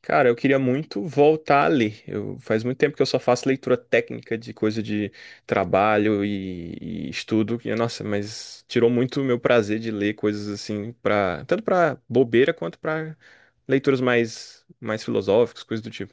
Cara, eu queria muito voltar a ler. Faz muito tempo que eu só faço leitura técnica de coisa de trabalho e estudo. E, nossa, mas tirou muito o meu prazer de ler coisas assim, tanto pra bobeira quanto pra leituras mais filosóficas, coisas do tipo.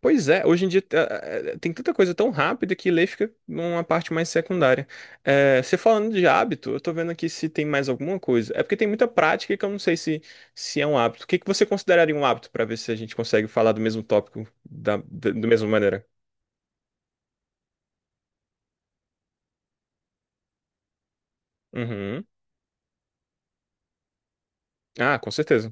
Pois é, hoje em dia tem tanta coisa tão rápida que ler fica numa parte mais secundária. Você falando de hábito, eu tô vendo aqui se tem mais alguma coisa. É porque tem muita prática que eu não sei se é um hábito. O que que você consideraria um hábito para ver se a gente consegue falar do mesmo tópico da mesma maneira? Uhum. Ah, com certeza.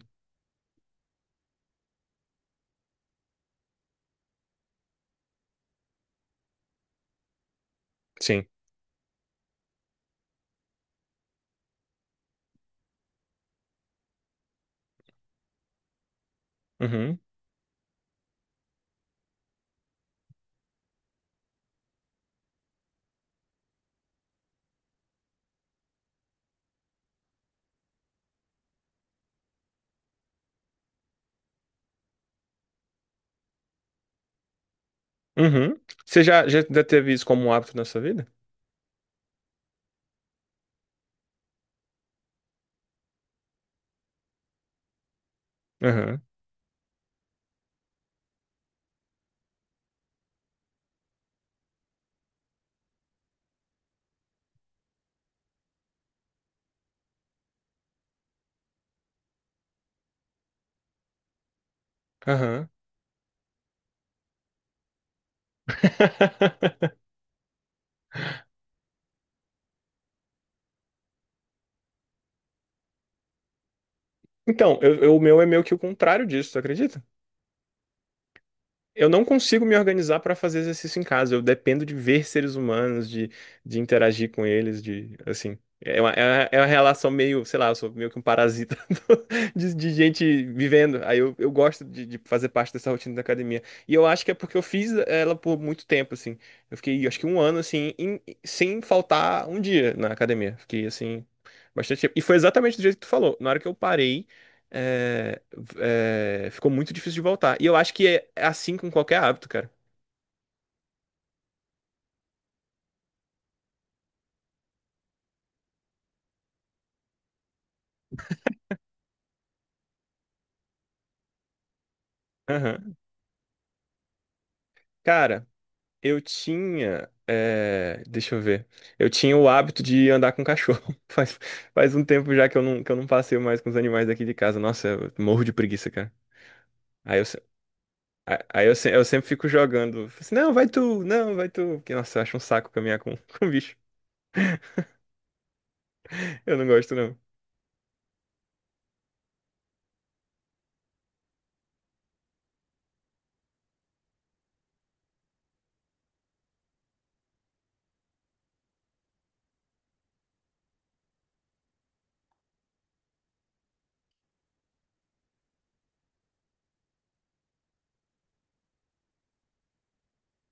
Sim. Uhum. Uhum. Você já teve isso como um hábito na sua vida? Aham. Aham. Então, o meu é meio que o contrário disso, tu acredita? Eu não consigo me organizar para fazer exercício em casa. Eu dependo de ver seres humanos, de interagir com eles, de assim. É uma relação meio, sei lá, eu sou meio que um parasita de gente vivendo. Aí eu gosto de fazer parte dessa rotina da academia. E eu acho que é porque eu fiz ela por muito tempo, assim. Eu fiquei, acho que um ano, assim, sem faltar um dia na academia. Fiquei, assim, bastante tempo. E foi exatamente do jeito que tu falou. Na hora que eu parei é, ficou muito difícil de voltar. E eu acho que é assim com qualquer hábito, cara. Aham. Cara, eu tinha. Deixa eu ver. Eu tinha o hábito de andar com cachorro. Faz um tempo já que eu não passeio mais com os animais daqui de casa. Nossa, eu morro de preguiça, cara. Aí eu, se- a- aí eu, se- eu sempre fico jogando. Falo assim, não, vai tu, não, vai tu. Porque, nossa, eu acho um saco caminhar com, com bicho. Eu não gosto, não.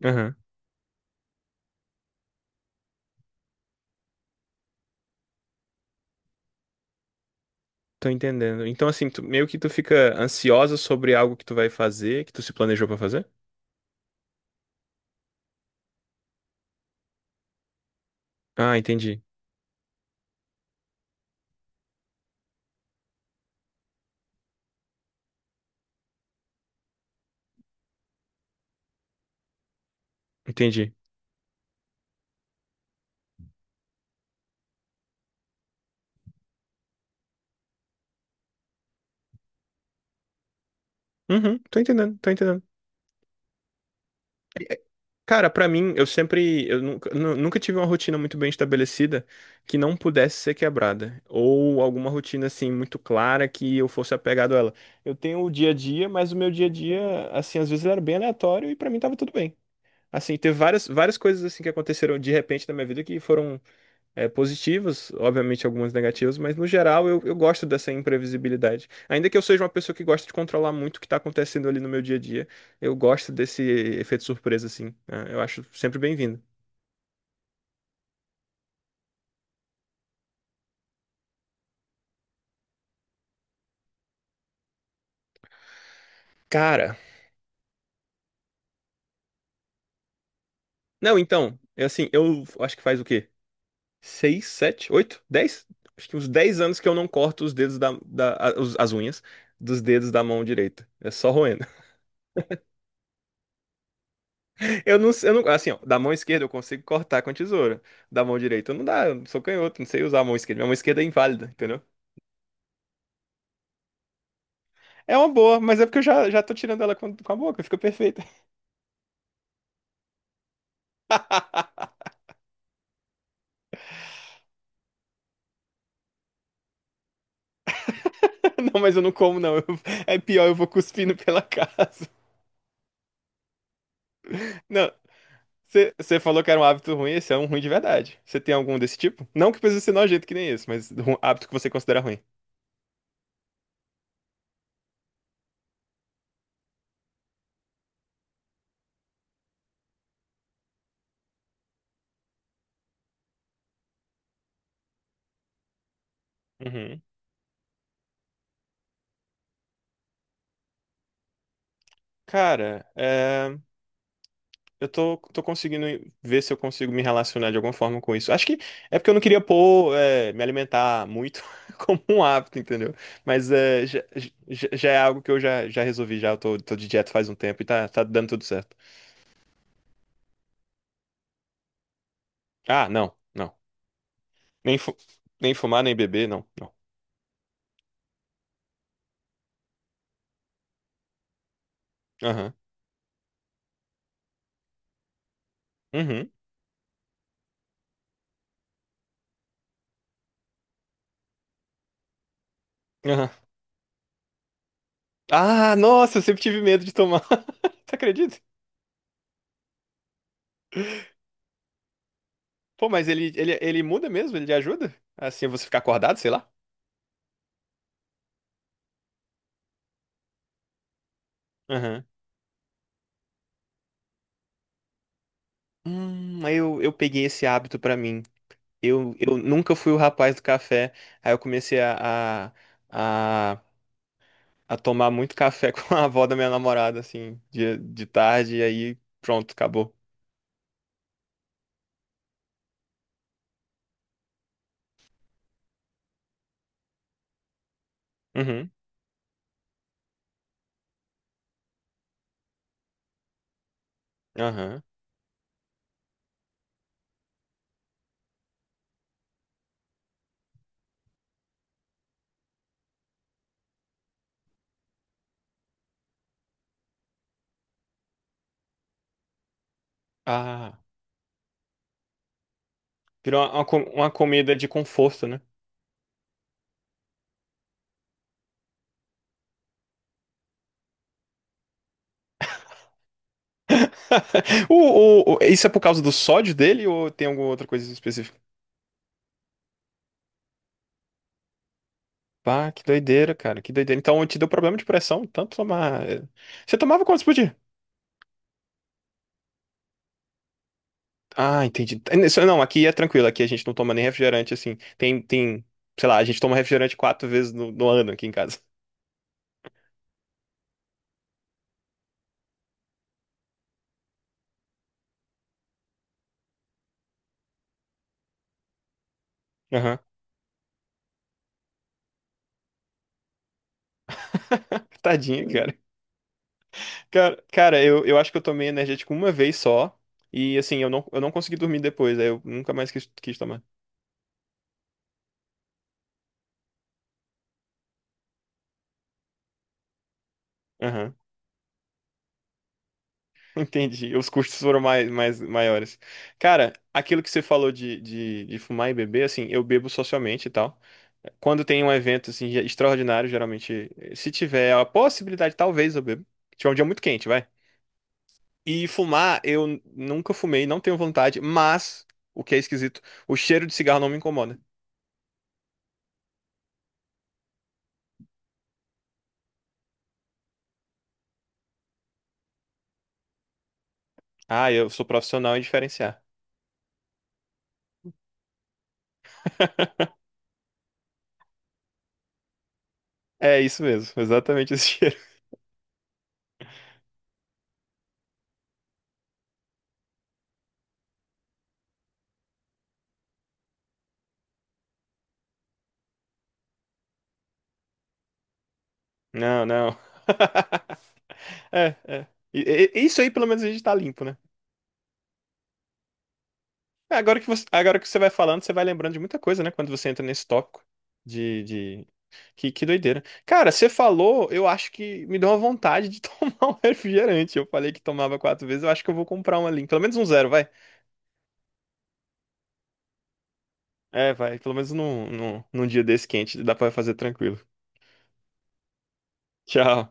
Aham. Tô entendendo. Então, assim, meio que tu fica ansiosa sobre algo que tu vai fazer, que tu se planejou pra fazer? Ah, entendi. Entendi. Uhum, tô entendendo. Cara, pra mim, eu nunca tive uma rotina muito bem estabelecida que não pudesse ser quebrada, ou alguma rotina assim muito clara que eu fosse apegado a ela. Eu tenho o dia a dia, mas o meu dia a dia, assim, às vezes ele era bem aleatório e pra mim tava tudo bem. Assim, teve várias, várias coisas assim que aconteceram de repente na minha vida que foram positivas, obviamente algumas negativas, mas no geral eu gosto dessa imprevisibilidade. Ainda que eu seja uma pessoa que gosta de controlar muito o que está acontecendo ali no meu dia a dia, eu gosto desse efeito surpresa, assim, né? Eu acho sempre bem-vindo. Cara, não, então, é assim, eu acho que faz o quê? Seis, sete, oito, 10? Acho que uns 10 anos que eu não corto os dedos as unhas dos dedos da mão direita. É só roendo. Eu não, assim, ó, da mão esquerda eu consigo cortar com a tesoura. Da mão direita eu não dá, eu sou canhoto, não sei usar a mão esquerda. Minha mão esquerda é inválida, entendeu? É uma boa, mas é porque eu já tô tirando ela com a boca, fica perfeita. Não, mas eu não como, não. É pior, eu vou cuspindo pela casa. Não, você falou que era um hábito ruim, esse é um ruim de verdade. Você tem algum desse tipo? Não que precisa ser nojento que nem esse, mas um hábito que você considera ruim. Uhum. Cara, é. Eu tô conseguindo ver se eu consigo me relacionar de alguma forma com isso. Acho que é porque eu não queria pôr, me alimentar muito como um hábito, entendeu? Mas é, já é algo que eu já resolvi, já. Eu tô de dieta faz um tempo e tá dando tudo certo. Ah, não, não. Nem, fu- nem fumar, nem beber, não, não. Aham, uhum, aham. Ah, nossa, eu sempre tive medo de tomar. Você acredita? Pô, mas ele muda mesmo? Ele ajuda? Assim, você ficar acordado, sei lá? Aham. Aí eu peguei esse hábito pra mim. Eu nunca fui o rapaz do café. Aí eu comecei a, a tomar muito café com a avó da minha namorada, assim, de tarde, e aí pronto, acabou. Uhum, aham. Ah, virou uma comida de conforto, né? O, isso é por causa do sódio dele ou tem alguma outra coisa específica? Pá, que doideira, cara, que doideira. Então te deu problema de pressão, tanto tomar. Você tomava quantos por dia? Ah, entendi. É, Não, aqui é tranquilo, aqui a gente não toma nem refrigerante, assim. Tem, sei lá, a gente toma refrigerante quatro vezes no ano aqui em casa. Aham. Tadinho, cara. Cara, eu acho que eu tomei energético uma vez só. E assim, eu não consegui dormir depois, aí eu nunca mais quis tomar. Aham. Entendi. Os custos foram mais maiores. Cara, aquilo que você falou de fumar e beber, assim, eu bebo socialmente e tal. Quando tem um evento assim extraordinário, geralmente, se tiver a possibilidade, talvez eu bebo. Se tiver um dia muito quente, vai. E fumar, eu nunca fumei, não tenho vontade, mas o que é esquisito, o cheiro de cigarro não me incomoda. Ah, eu sou profissional em diferenciar. É isso mesmo, exatamente esse cheiro. Não, não. É, é. Isso aí, pelo menos, a gente tá limpo, né? É, agora que você vai falando, você vai lembrando de muita coisa, né? Quando você entra nesse tópico de... Que doideira. Cara, você falou, eu acho que me deu uma vontade de tomar um refrigerante. Eu falei que tomava quatro vezes, eu acho que eu vou comprar um ali. Pelo menos um zero, vai. É, vai. Pelo menos num dia desse quente, dá pra fazer tranquilo. Tchau.